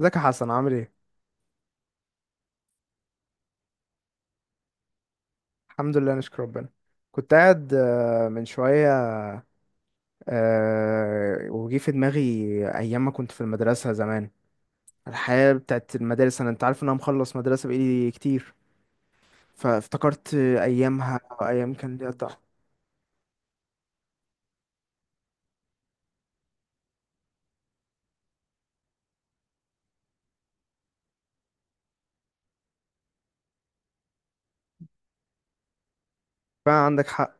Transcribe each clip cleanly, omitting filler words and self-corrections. ازيك يا حسن، عامل ايه؟ الحمد لله، نشكر ربنا. كنت قاعد من شوية. وجي في دماغي أيام ما كنت في المدرسة زمان. الحياة بتاعت المدارس، أنت عارف إن أنا مخلص مدرسة بقالي كتير. فافتكرت أيامها، أيام كان ليها طعم. فعلا عندك حق.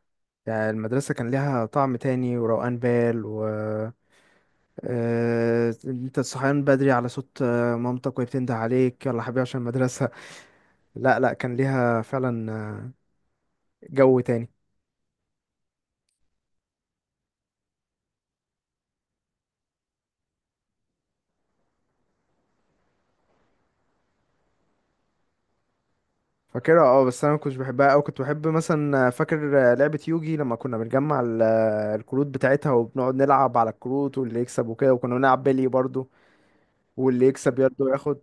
يعني المدرسة كان ليها طعم تاني وروقان بال، و أنت صحيان بدري على صوت مامتك وهي بتنده عليك يلا حبيبي عشان المدرسة. لا لا، كان ليها فعلا جو تاني. فاكرها. اه بس انا ما كنتش بحبها قوي. كنت بحب مثلا، فاكر لعبة يوجي لما كنا بنجمع الكروت بتاعتها، وبنقعد نلعب على الكروت واللي يكسب وكده. وكنا بنلعب بلي برضو، واللي يكسب يرضى ياخد.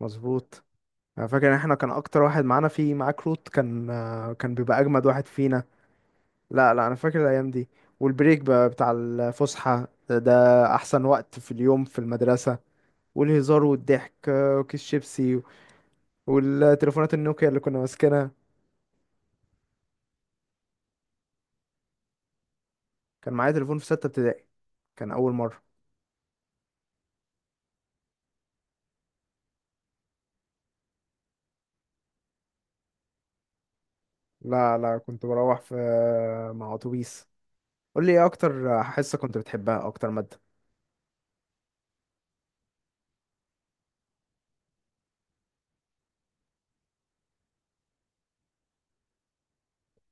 مظبوط. انا فاكر ان احنا كان اكتر واحد معانا فيه معاه كروت، كان بيبقى اجمد واحد فينا. لا لا، انا فاكر الايام دي. والبريك بقى بتاع الفسحة ده احسن وقت في اليوم في المدرسة. والهزار والضحك وكيس شيبسي والتليفونات النوكيا اللي كنا ماسكينها. كان معايا تليفون في ستة ابتدائي، كان أول مرة. لا لا، كنت بروح مع أتوبيس. قول لي إيه أكتر حصة كنت بتحبها، أكتر مادة؟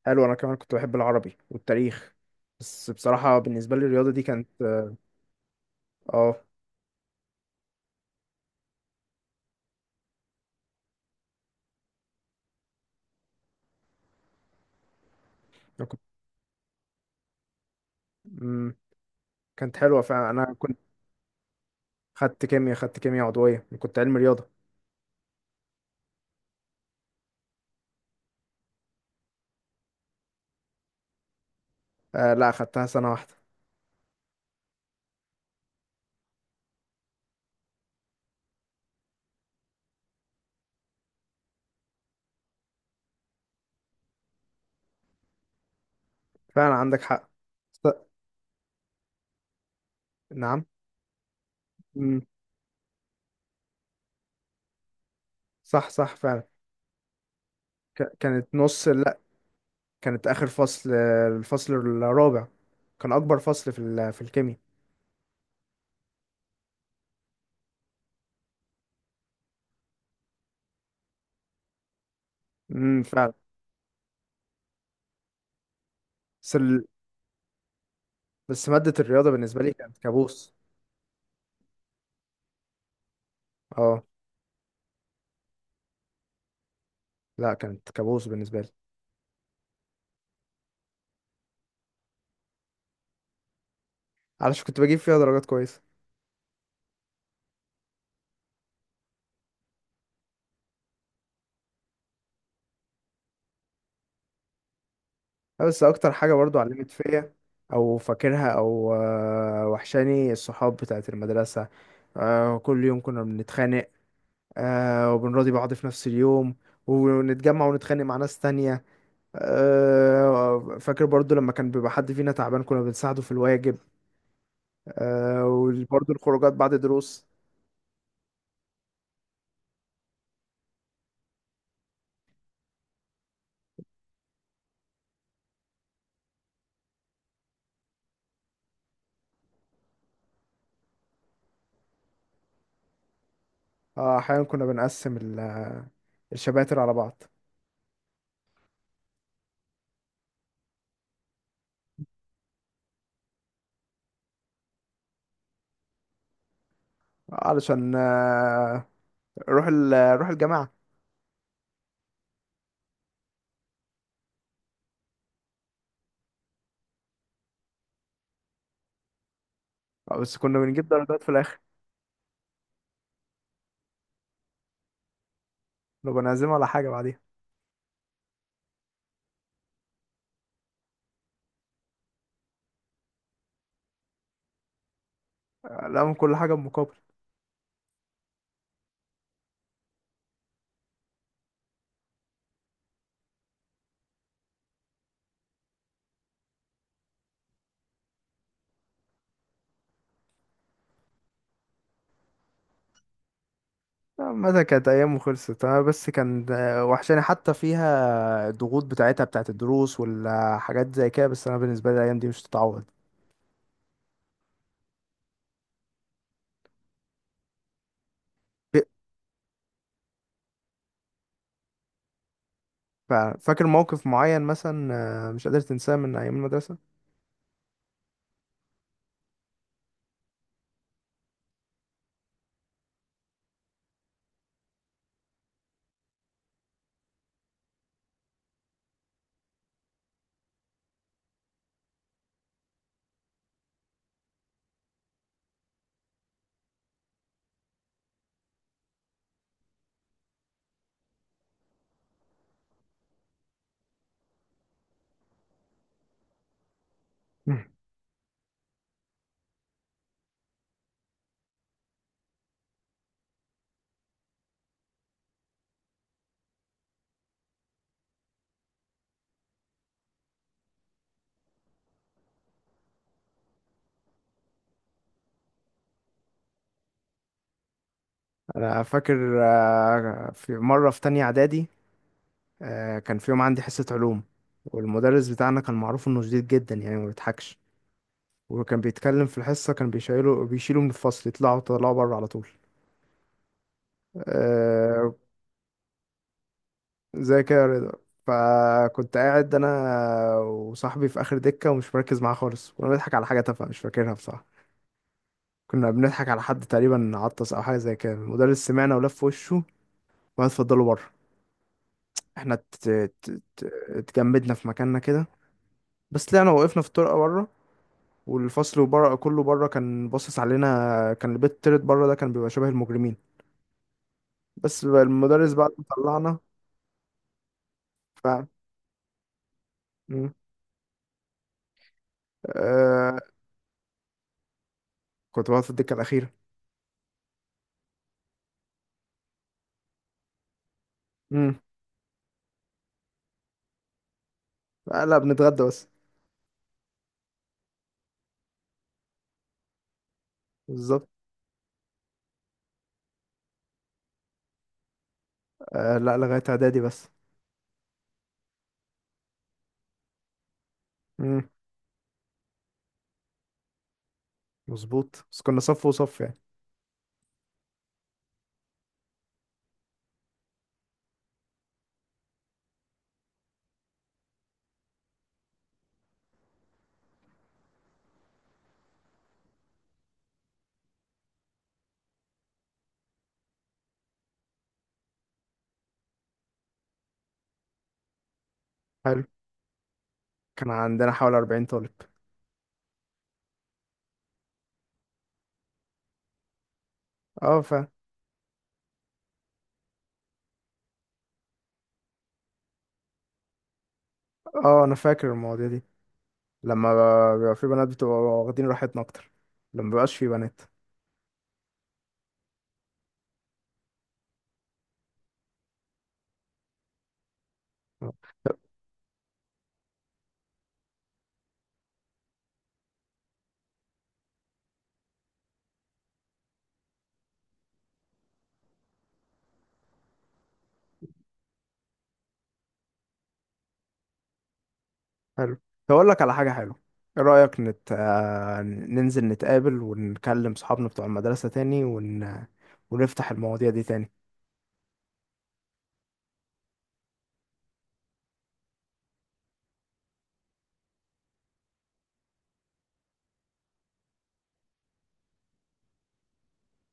حلو، أنا كمان كنت بحب العربي والتاريخ. بس بصراحة بالنسبة لي الرياضة دي كانت... آه أنا كنت... مم، كانت حلوة فعلا. أنا كنت خدت كيمياء، خدت كيمياء عضوية، كنت علم رياضة. لا، خدتها سنة واحدة. فعلا عندك حق. س- نعم. مم، صح صح فعلا. كانت نص. كانت اخر فصل، الفصل الرابع. كان اكبر فصل في الكيمياء. فعلا. بس ال... بس مادة الرياضة بالنسبة لي كانت كابوس. اه، لا كانت كابوس بالنسبة لي. علشان كنت بجيب فيها درجات كويسة. بس اكتر حاجة برضو علمت فيا. او فاكرها، او وحشاني الصحاب بتاعت المدرسة. كل يوم كنا بنتخانق. وبنراضي بعض في نفس اليوم، ونتجمع ونتخانق مع ناس تانية. فاكر برضو لما كان بيبقى حد فينا تعبان كنا بنساعده في الواجب. وبرضو الخروجات بعد دروس. أحيانا كنا بنقسم الشباتر على بعض. علشان نروح الجماعة. بس كنا بنجيب درجات في الآخر. لو بنعزم على حاجة بعديها. لا، من كل حاجة بمقابل. متى كانت أيام. وخلصت أنا بس كان وحشاني حتى فيها الضغوط بتاعتها، بتاعت الدروس والحاجات زي كده. بس أنا بالنسبة لي الأيام دي مش تتعوض. ففاكر موقف معين مثلا مش قادر تنساه من أيام المدرسة؟ أنا فاكر في مرة في تانية إعدادي، كان في يوم عندي حصة علوم. والمدرس بتاعنا كان معروف إنه شديد جدا، يعني ما بيضحكش. وكان بيتكلم في الحصة، كان بيشيله بيشيله من الفصل، يطلعوا طلعوا بره على طول. آه، زي كده يا رضا. فكنت قاعد أنا وصاحبي في آخر دكة ومش مركز معاه خالص، كنا بنضحك على حاجة تافهة مش فاكرها بصراحة. كنا بنضحك على حد تقريبا عطس أو حاجة زي كده، المدرس سمعنا ولف وشه وقعد اتفضلوا بره. احنا ت- ت- اتجمدنا في مكاننا كده. بس طلعنا وقفنا في الطرقه بره، والفصل بره كله بره كان باصص علينا. كان البيت التالت بره ده كان بيبقى شبه المجرمين، بس بقى المدرس بعد ما طلعنا. ف مم. آه... كنت بقعد في الدكه الاخيره. امم. لا، بنتغدى بس. بالظبط. لا، لغايه اعدادي بس. امم. مظبوط، بس كنا صف وصف يعني. حلو، كان عندنا حوالي 40 طالب. اه، اه انا فاكر المواضيع دي. لما بيبقى في بنات بتبقى واخدين راحتنا اكتر. لما مبيبقاش في بنات. آه، حلو، هقول لك على حاجة حلوة. ايه رأيك نت... آه، ننزل نتقابل ونكلم صحابنا بتوع المدرسة تاني ونفتح المواضيع دي تاني؟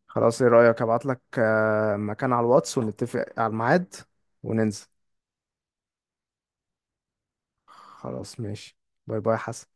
خلاص، ايه رأيك ابعت لك مكان على الواتس ونتفق على الميعاد وننزل؟ خلاص، ماشي. باي باي يا حسن.